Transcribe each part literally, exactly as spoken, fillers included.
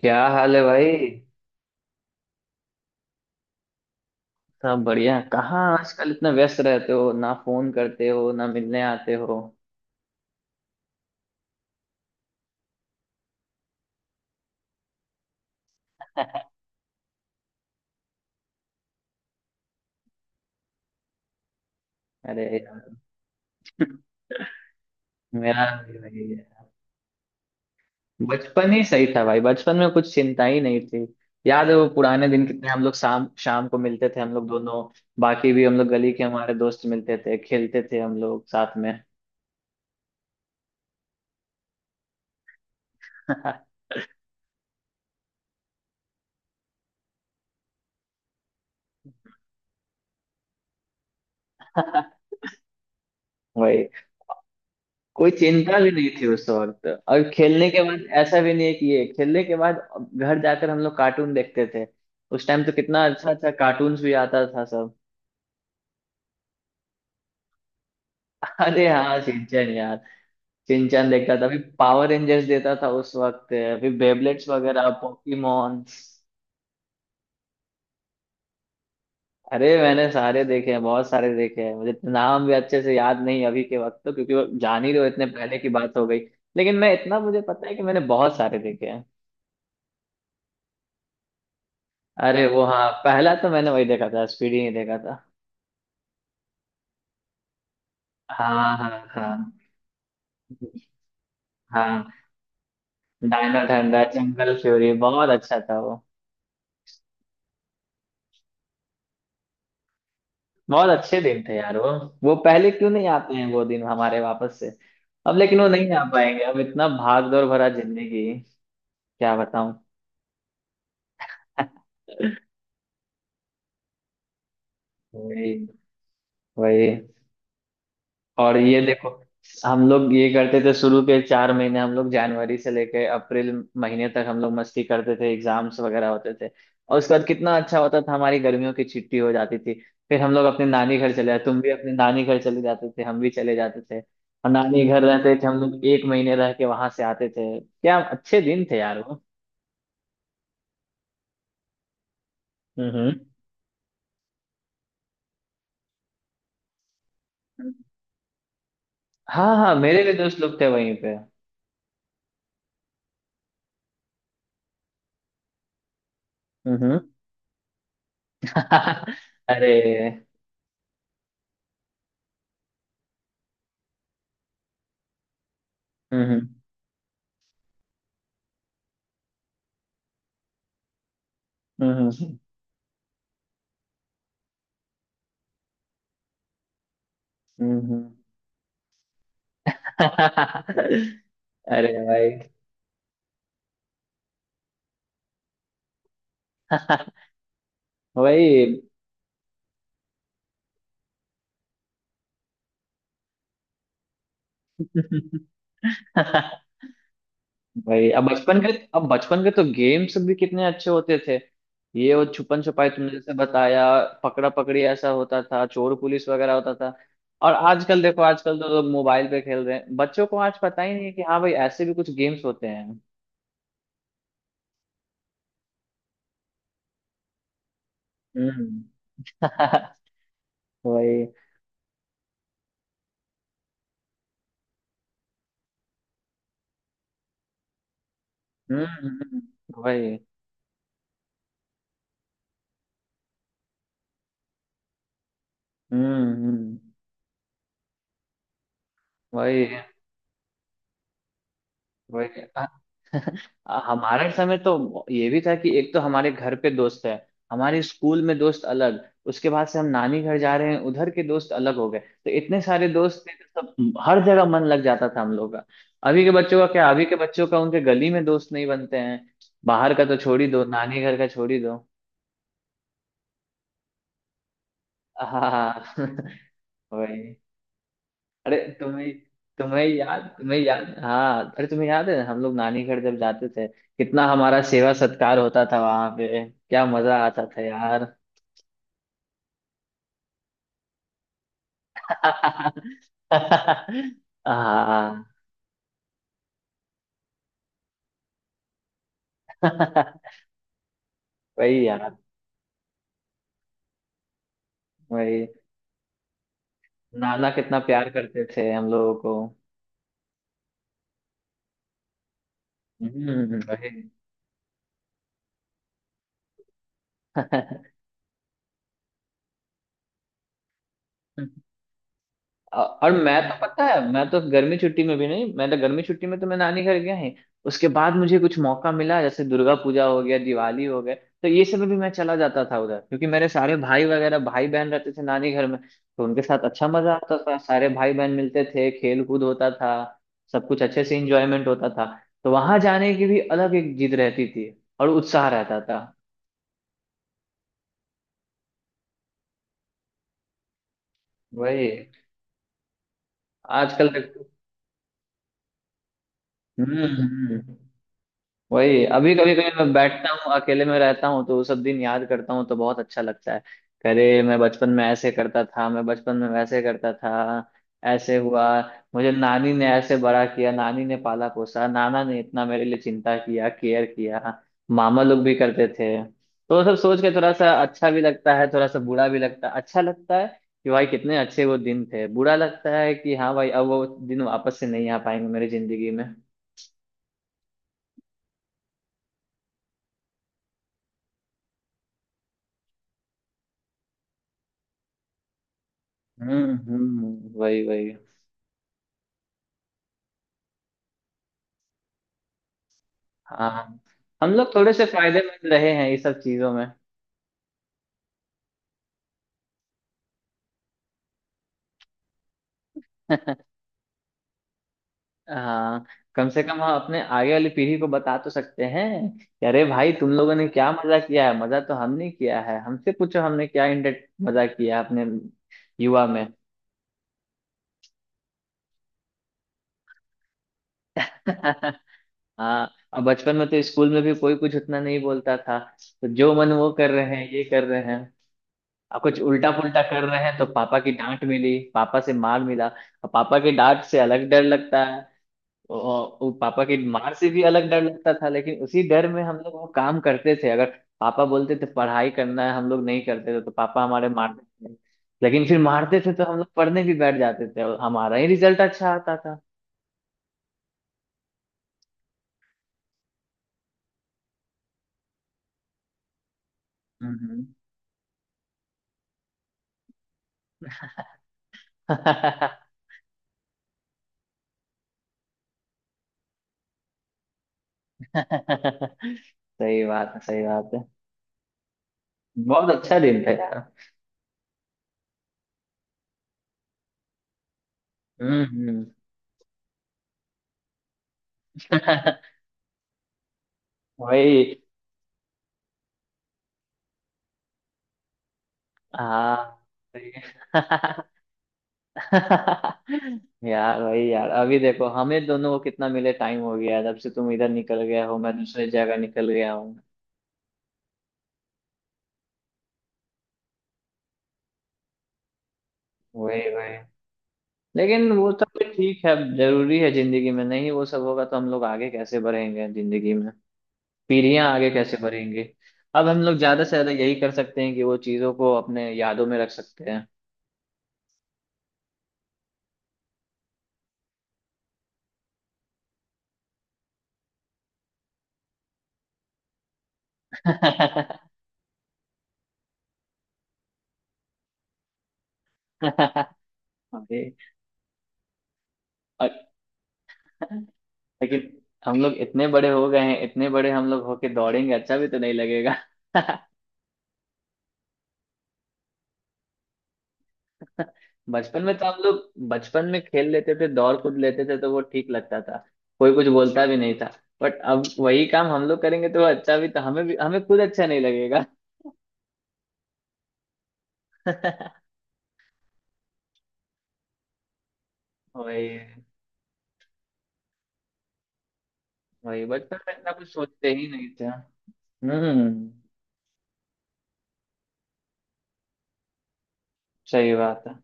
क्या हाल है भाई। सब बढ़िया। कहाँ आजकल इतना व्यस्त रहते हो, ना फोन करते हो ना मिलने आते हो। अरे यार। मेरा भी वही है। बचपन ही सही था भाई, बचपन में कुछ चिंता ही नहीं थी। याद है वो पुराने दिन, कितने हम लोग शाम शाम को मिलते थे हम लोग दोनों। बाकी भी हम लोग गली के हमारे दोस्त मिलते थे, खेलते थे हम लोग साथ में। वही। कोई चिंता भी नहीं थी उस वक्त, और खेलने के बाद ऐसा भी नहीं है कि ये खेलने के बाद घर जाकर हम लोग कार्टून देखते थे। उस टाइम तो कितना अच्छा अच्छा कार्टून्स भी आता था सब। अरे हाँ, सिंचन यार। सिंचन देखता था, अभी पावर रेंजर्स देता था उस वक्त, अभी बेबलेट्स वगैरह पोकीमॉन्स। अरे मैंने सारे देखे हैं, बहुत सारे देखे हैं। मुझे नाम भी अच्छे से याद नहीं अभी के वक्त तो, क्योंकि वो जान ही रहे हो, इतने पहले की बात हो गई। लेकिन मैं इतना, मुझे पता है कि मैंने बहुत सारे देखे। अरे वो, हाँ, पहला तो मैंने वही देखा था, स्पीडी नहीं देखा था। हाँ, हाँ, हाँ। हाँ, डायनो ठंडा जंगल फ्यूरी बहुत अच्छा था वो। बहुत अच्छे दिन थे यार वो। वो पहले क्यों नहीं आते हैं वो दिन हमारे वापस से। अब लेकिन वो नहीं आ पाएंगे, अब इतना भाग दौड़ भरा जिंदगी। क्या बताऊं। वही, वही। और ये देखो, हम लोग ये करते थे, शुरू के चार महीने हम लोग जनवरी से लेके अप्रैल महीने तक हम लोग मस्ती करते थे, एग्जाम्स वगैरह होते थे। और उसके बाद कितना अच्छा होता था, हमारी गर्मियों की छुट्टी हो जाती थी। फिर हम लोग अपने नानी घर चले जाते, तुम भी अपने नानी घर चले जाते थे, हम भी चले जाते थे, और नानी घर रहते थे हम लोग, एक महीने रह के वहां से आते थे। क्या अच्छे दिन थे यार वो। हम्म, हम्म। हाँ, हाँ, मेरे भी दोस्त लोग थे वहीं पे। हम्म। हम्म। अरे। हम्म, हम्म, हम्म, हम्म, हम्म। अरे भाई। वही। भाई अब बचपन के अब बचपन के तो गेम्स भी कितने अच्छे होते थे। ये वो छुपन छुपाई तुमने जैसे बताया। पकड़ा पकड़ी ऐसा होता था, चोर पुलिस वगैरह होता था। और आजकल देखो, आजकल तो लोग मोबाइल पे खेल रहे हैं, बच्चों को आज पता ही नहीं है कि हाँ भाई ऐसे भी कुछ गेम्स होते हैं। हम्म। वही। हम्म, हम्म, वही। हम्म, हम्म, वही, वही। अ- हमारे समय तो ये भी था कि एक तो हमारे घर पे दोस्त है, हमारे स्कूल में दोस्त अलग, उसके बाद से हम नानी घर जा रहे हैं उधर के दोस्त अलग हो गए, तो इतने सारे दोस्त थे तो सब हर जगह मन लग जाता था हम लोग का। अभी के बच्चों का क्या, अभी के बच्चों का उनके गली में दोस्त नहीं बनते हैं। बाहर का तो छोड़ ही दो, नानी घर का छोड़ ही दो। हाँ। वही। अरे तुम्हें तुम्हें याद, तुम्हें याद, हाँ, अरे तुम्हें याद है हम लोग नानी घर जब जाते थे कितना हमारा सेवा सत्कार होता था वहां पे, क्या मजा आता था यार। हाँ। वही यार, वही। नाना कितना प्यार करते थे हम लोगों को। हम्म, वही। औ- और मैं तो पता है, मैं तो गर्मी छुट्टी में भी नहीं मैं तो गर्मी छुट्टी में तो मैं नानी घर गया ही। उसके बाद मुझे कुछ मौका मिला, जैसे दुर्गा पूजा हो गया, दिवाली हो गया, तो ये सब में भी मैं चला जाता था उधर, क्योंकि मेरे सारे भाई वगैरह भाई बहन रहते थे नानी घर में। तो उनके साथ अच्छा मजा आता था, सारे भाई बहन मिलते थे, खेल कूद होता था। सब कुछ अच्छे से इंजॉयमेंट होता था। तो वहां जाने की भी अलग एक जिद रहती थी। और उत्साह रहता था। वही। आजकल देखो। हम्म, हम्म, वही। अभी कभी कभी मैं बैठता हूँ, अकेले में रहता हूँ, तो वो सब दिन याद करता हूँ तो बहुत अच्छा लगता है। अरे मैं बचपन में ऐसे करता था, मैं बचपन में वैसे करता था, ऐसे हुआ। मुझे नानी ने ऐसे बड़ा किया, नानी ने पाला पोसा, नाना ने इतना मेरे लिए चिंता किया, केयर किया। मामा लोग भी करते थे, तो वो सब सोच के थोड़ा सा अच्छा भी लगता है, थोड़ा सा बुरा भी लगता है। अच्छा लगता है कि भाई कितने अच्छे वो दिन थे। बुरा लगता है कि हाँ भाई अब वो दिन वापस से नहीं आ पाएंगे मेरी जिंदगी में। हम्म, हम्म, वही, वही। हाँ, हम लोग थोड़े से फायदेमंद रहे हैं ये सब चीजों में। हाँ। कम से कम हम अपने आगे वाली पीढ़ी को बता तो सकते हैं कि अरे भाई तुम लोगों ने क्या मजा किया है, मजा तो हमने किया है, हमसे पूछो हमने क्या इंटर, मजा किया है अपने युवा में। हाँ, और बचपन में तो स्कूल में भी कोई कुछ उतना नहीं बोलता था। तो जो मन वो कर रहे हैं, ये कर रहे हैं। अब कुछ उल्टा पुल्टा कर रहे हैं तो पापा की डांट मिली, पापा से मार मिला, और पापा की डांट से अलग डर लगता। वो वो पापा की मार से भी अलग डर लगता था, लेकिन उसी डर में हम लोग वो काम करते थे, अगर पापा बोलते थे पढ़ाई करना है, हम लोग नहीं करते थे तो पापा हमारे मारते थे। लेकिन फिर मारते थे तो हम लोग पढ़ने भी बैठ जाते थे, और हमारा ही रिजल्ट अच्छा आता था। हम्म। सही बात है, सही बात है। बहुत अच्छा दिन था यार। हम्म, हम्म। वही। हाँ, सही है। यार, वही यार, अभी देखो हमें दोनों को कितना मिले टाइम हो गया है। जब से तुम इधर निकल गया हो, मैं दूसरी जगह निकल गया हूँ। वही, वही। लेकिन वो सब भी ठीक है, जरूरी है जिंदगी में, नहीं वो सब होगा तो हम लोग आगे कैसे बढ़ेंगे जिंदगी में। पीढ़ियां आगे कैसे बढ़ेंगी। अब हम लोग ज्यादा से ज्यादा यही कर सकते हैं कि वो चीजों को अपने यादों में रख सकते हैं। अरे, और- लेकिन हम लोग इतने बड़े हो गए हैं, इतने बड़े हम लोग होके दौड़ेंगे, अच्छा भी तो नहीं लगेगा। बचपन में तो हम लोग बचपन में खेल लेते थे, दौड़ कूद लेते थे तो वो ठीक लगता था। कोई कुछ बोलता भी नहीं था। बट अब वही काम हम लोग करेंगे तो वो अच्छा भी तो, हमें भी हमें खुद अच्छा नहीं लगेगा। वही, वही। बचपन में इतना कुछ सोचते ही नहीं थे। हम्म। सही बात है।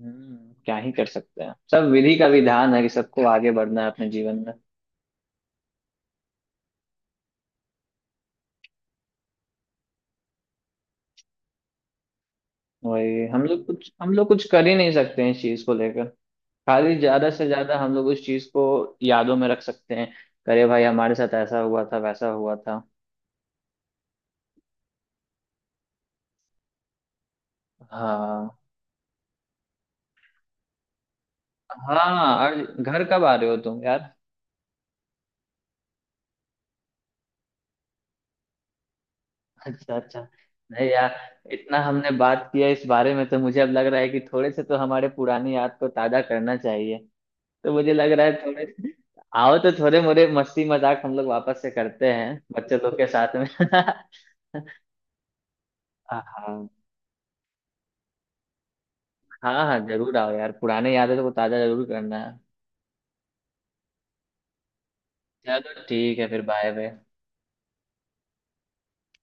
हम्म, क्या ही कर सकते हैं, सब विधि का विधान है कि सबको आगे बढ़ना है अपने जीवन में। वही, हम लोग कुछ हम लोग कुछ कर ही नहीं सकते हैं इस चीज को लेकर। खाली ज्यादा से ज्यादा हम लोग उस चीज को यादों में रख सकते हैं। अरे भाई, हमारे साथ ऐसा हुआ था, वैसा हुआ था। हाँ। हाँ, और घर कब आ रहे हो तुम यार? अच्छा, अच्छा। नहीं यार, इतना हमने बात किया इस बारे में तो मुझे अब लग रहा है कि थोड़े से तो हमारे पुरानी याद को ताजा करना चाहिए। तो मुझे लग रहा है थोड़े आओ तो थोड़े मोरे मस्ती मजाक हम लोग वापस से करते हैं बच्चे लोग के साथ में। हाँ। हाँ, हाँ, जरूर आओ यार, पुराने यादें तो ताजा जरूर करना है। चलो ठीक है फिर, बाय बाय।